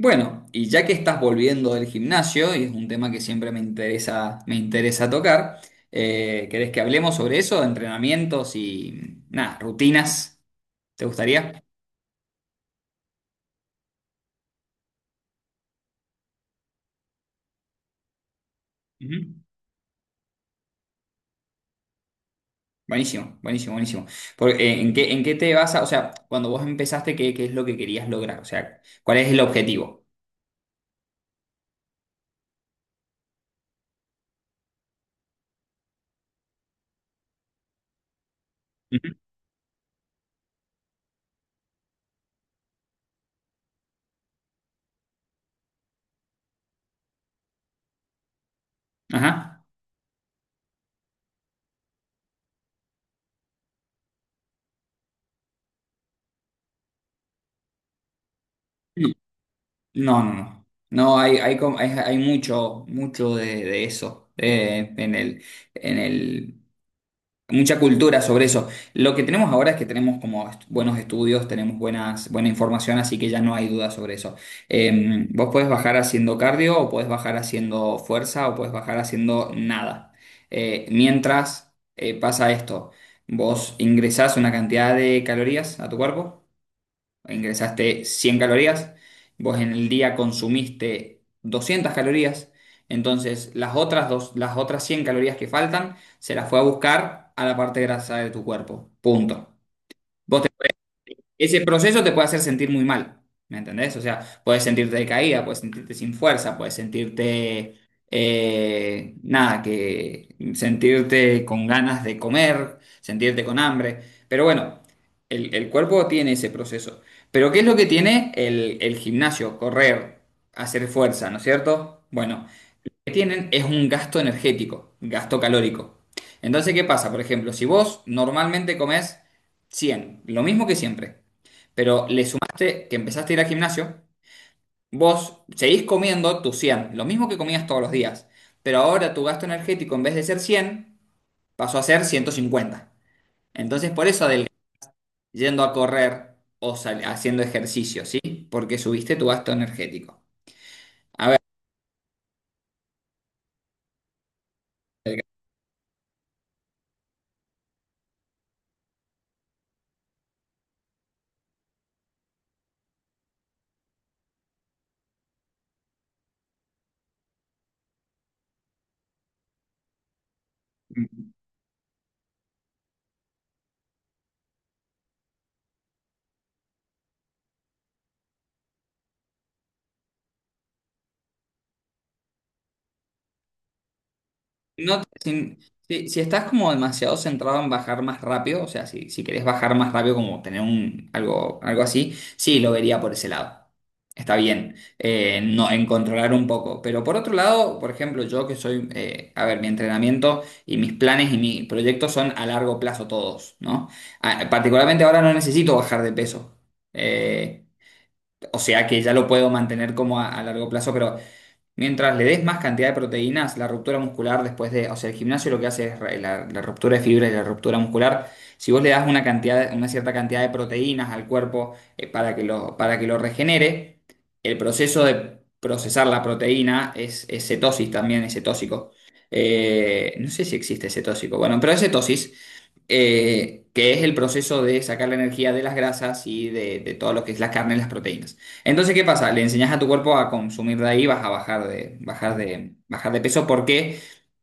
Bueno, y ya que estás volviendo del gimnasio, y es un tema que siempre me interesa tocar, ¿querés que hablemos sobre eso? De entrenamientos y nada, rutinas. ¿Te gustaría? Ujú. Buenísimo, buenísimo, buenísimo. Porque, en qué te vas a, o sea, cuando vos empezaste, ¿qué, qué es lo que querías lograr? O sea, ¿cuál es el objetivo? Ujú. Ajá. No, no, no. No, no, hay, hay mucho, mucho de eso en el mucha cultura sobre eso. Lo que tenemos ahora es que tenemos buenos estudios, tenemos buenas, buena información, así que ya no hay duda sobre eso. Vos podés bajar haciendo cardio, o podés bajar haciendo fuerza, o podés bajar haciendo nada. Mientras pasa esto, vos ingresás una cantidad de calorías a tu cuerpo, ingresaste 100 calorías, vos en el día consumiste 200 calorías, entonces las otras, dos, las otras 100 calorías que faltan se las fue a buscar a la parte grasa de tu cuerpo. Punto. Vos, ese proceso te puede hacer sentir muy mal, ¿me entendés? O sea, puedes sentirte decaída, puedes sentirte sin fuerza, puedes sentirte, nada, que sentirte con ganas de comer, sentirte con hambre, pero bueno, el cuerpo tiene ese proceso. Pero ¿qué es lo que tiene el gimnasio? Correr, hacer fuerza, ¿no es cierto? Bueno, que tienen es un gasto energético, gasto calórico. Entonces, ¿qué pasa? Por ejemplo, si vos normalmente comés 100, lo mismo que siempre, pero le sumaste que empezaste a ir al gimnasio, vos seguís comiendo tus 100, lo mismo que comías todos los días, pero ahora tu gasto energético en vez de ser 100 pasó a ser 150. Entonces, por eso adelgazás yendo a correr o haciendo ejercicio, ¿sí? Porque subiste tu gasto energético. A ver, no, si, si estás como demasiado centrado en bajar más rápido, o sea, si, si querés bajar más rápido, como tener un, algo, algo así, sí, lo vería por ese lado. Está bien, no, en controlar un poco. Pero por otro lado, por ejemplo, yo que soy, a ver, mi entrenamiento y mis planes y mis proyectos son a largo plazo todos, ¿no? Ah, particularmente ahora no necesito bajar de peso. Eh, o sea que ya lo puedo mantener como a largo plazo, pero mientras le des más cantidad de proteínas, la ruptura muscular después de, o sea, el gimnasio lo que hace es la, la ruptura de fibra y la ruptura muscular. Si vos le das una cantidad, una cierta cantidad de proteínas al cuerpo para que lo regenere, el proceso de procesar la proteína es cetosis también, es cetósico. No sé si existe cetósico, bueno, pero es cetosis que es el proceso de sacar la energía de las grasas y de todo lo que es la carne y las proteínas. Entonces, ¿qué pasa? Le enseñas a tu cuerpo a consumir de ahí, vas a bajar de, bajar de, bajar de peso. Por qué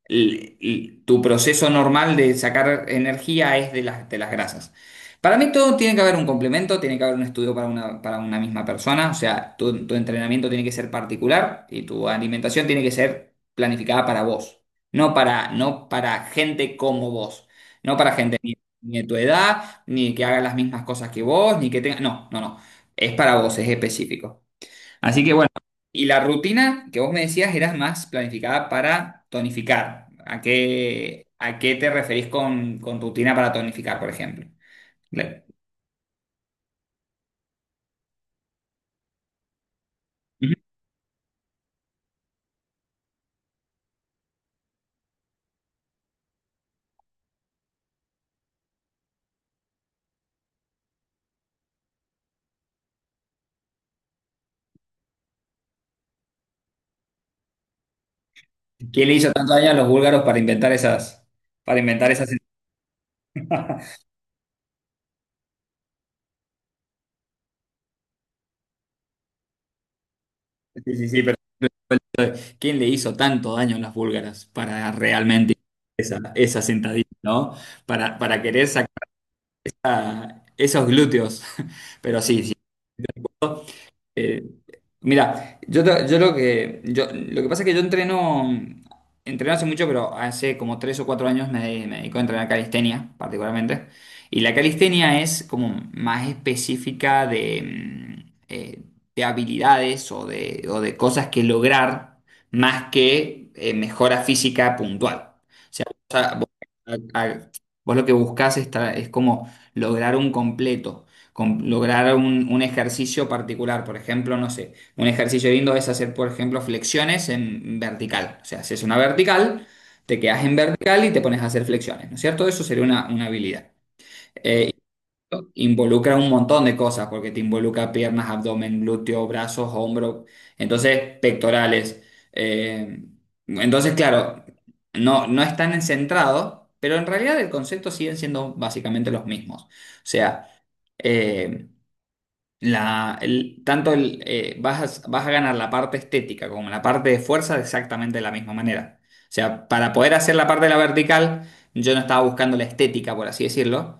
tu proceso normal de sacar energía es de las grasas. Para mí todo tiene que haber un complemento, tiene que haber un estudio para una misma persona, o sea, tu entrenamiento tiene que ser particular y tu alimentación tiene que ser planificada para vos, no para, no para gente como vos, no para gente ni, ni de tu edad, ni que haga las mismas cosas que vos, ni que tenga... No, no, no, es para vos, es específico. Así que bueno, y la rutina que vos me decías era más planificada para tonificar. A qué te referís con rutina para tonificar, por ejemplo? Le- Ujú. ¿Qué le hizo tanto daño a los búlgaros para inventar esas... Sí, sí, sí, pero ¿quién le hizo tanto daño a las búlgaras para realmente esa, esa sentadilla, ¿no? Para querer sacar esos glúteos. Pero sí, sí. eh, Mira, yo, yo lo que yo, lo que pasa es que yo entreno hace mucho, pero hace como tres o cuatro años me, me dedico a entrenar calistenia, particularmente. Y la calistenia es como más específica de, de habilidades o de cosas que lograr más que mejora física puntual. O sea, vos, vos a- a- vos lo que buscás es, es como lograr un completo, lograr un ejercicio particular. Por ejemplo, no sé. Un ejercicio lindo es hacer, por ejemplo, flexiones en vertical. O sea, haces una vertical, te quedas en vertical y te pones a hacer flexiones, ¿no es cierto? Eso sería una habilidad. Eh, involucra un montón de cosas, porque te involucra piernas, abdomen, glúteo, brazos, hombro, entonces pectorales. Eh, entonces, claro, no, no están centrados, pero en realidad el concepto siguen siendo básicamente los mismos. O sea, eh, la, tanto el, vas a, vas a ganar la parte estética como la parte de fuerza de exactamente la misma manera. O sea, para poder hacer la parte de la vertical, yo no estaba buscando la estética, por así decirlo,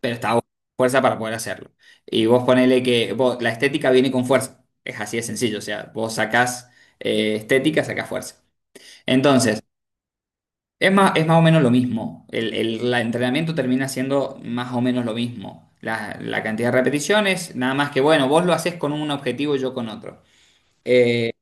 pero estaba buscando fuerza para poder hacerlo. Y vos ponele que la estética viene con fuerza. Es así de sencillo. O sea, vos sacás estética, sacás fuerza. Entonces, es más o menos lo mismo. El, la entrenamiento termina siendo más o menos lo mismo. La cantidad de repeticiones, nada más que, bueno, vos lo haces con un objetivo y yo con otro. Eh,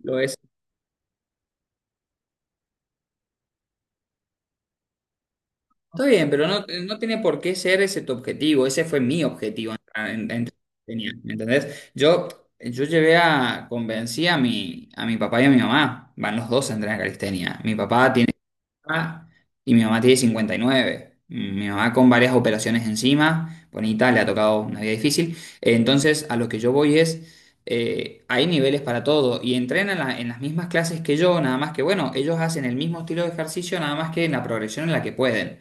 lo es. Está bien, pero no, no tiene por qué ser ese tu objetivo. Ese fue mi objetivo. Tenía, ¿me entendés? Yo llevé a, convencí a mi papá y a mi mamá. Van los dos a entrenar calistenia. Mi papá tiene mamá y mi mamá tiene 59. Mi mamá con varias operaciones encima, bonita, le ha tocado una vida difícil. Entonces, a lo que yo voy es, hay niveles para todo y entrenan en en las mismas clases que yo, nada más que, bueno, ellos hacen el mismo estilo de ejercicio, nada más que en la progresión en la que pueden.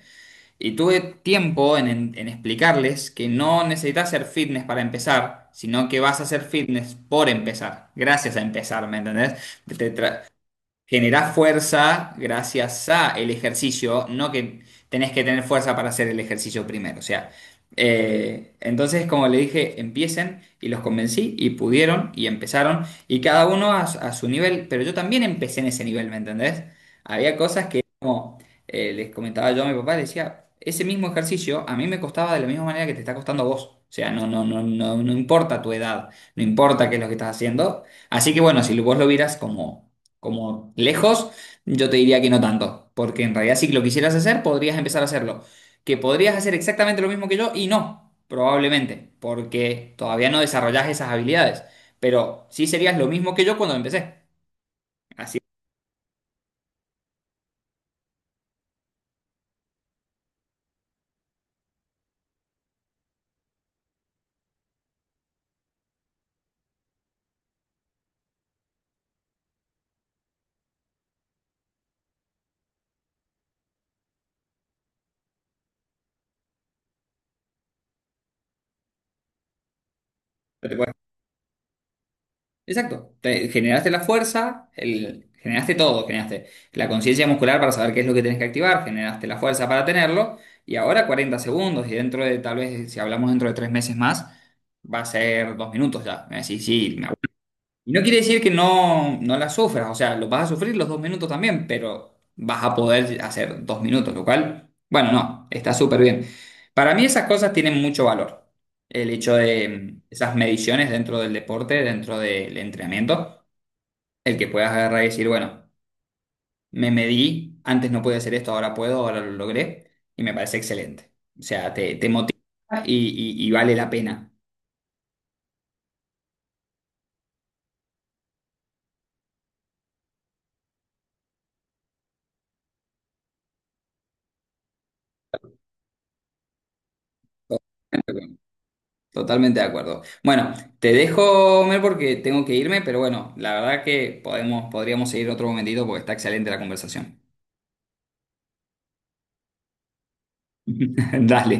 Y tuve tiempo en, en explicarles que no necesitas hacer fitness para empezar, sino que vas a hacer fitness por empezar, gracias a empezar, ¿me entendés? Te- te tra- Generás fuerza gracias a el ejercicio, no que tenés que tener fuerza para hacer el ejercicio primero. O sea, entonces, como le dije, empiecen y los convencí y pudieron y empezaron y cada uno a su nivel, pero yo también empecé en ese nivel, ¿me entendés? Había cosas que, como les comentaba yo a mi papá, le decía, ese mismo ejercicio a mí me costaba de la misma manera que te está costando a vos. O sea, no, no, no, no, no importa tu edad, no importa qué es lo que estás haciendo. Así que bueno, si vos lo vieras como como lejos, yo te diría que no tanto, porque en realidad si lo quisieras hacer, podrías empezar a hacerlo. Que podrías hacer exactamente lo mismo que yo y no, probablemente, porque todavía no desarrollás esas habilidades, pero sí serías lo mismo que yo cuando empecé. Así que Exacto, generaste la fuerza, el, generaste todo, generaste la conciencia muscular para saber qué es lo que tenés que activar, generaste la fuerza para tenerlo y ahora 40 segundos y dentro de, tal vez si hablamos dentro de 3 meses más, va a ser 2 minutos ya. Sí, sí, y no quiere decir que no, no la sufras, o sea, lo vas a sufrir los 2 minutos también, pero vas a poder hacer 2 minutos, lo cual, bueno, no, está súper bien. Para mí esas cosas tienen mucho valor, el hecho de esas mediciones dentro del deporte, dentro del entrenamiento, el que puedas agarrar y decir, bueno, me medí, antes no podía hacer esto, ahora puedo, ahora lo logré, y me parece excelente. O sea, te motiva y vale la pena. Totalmente de acuerdo. Bueno, te dejo, Mer, porque tengo que irme, pero bueno, la verdad que podemos, podríamos seguir otro momentito porque está excelente la conversación. Dale.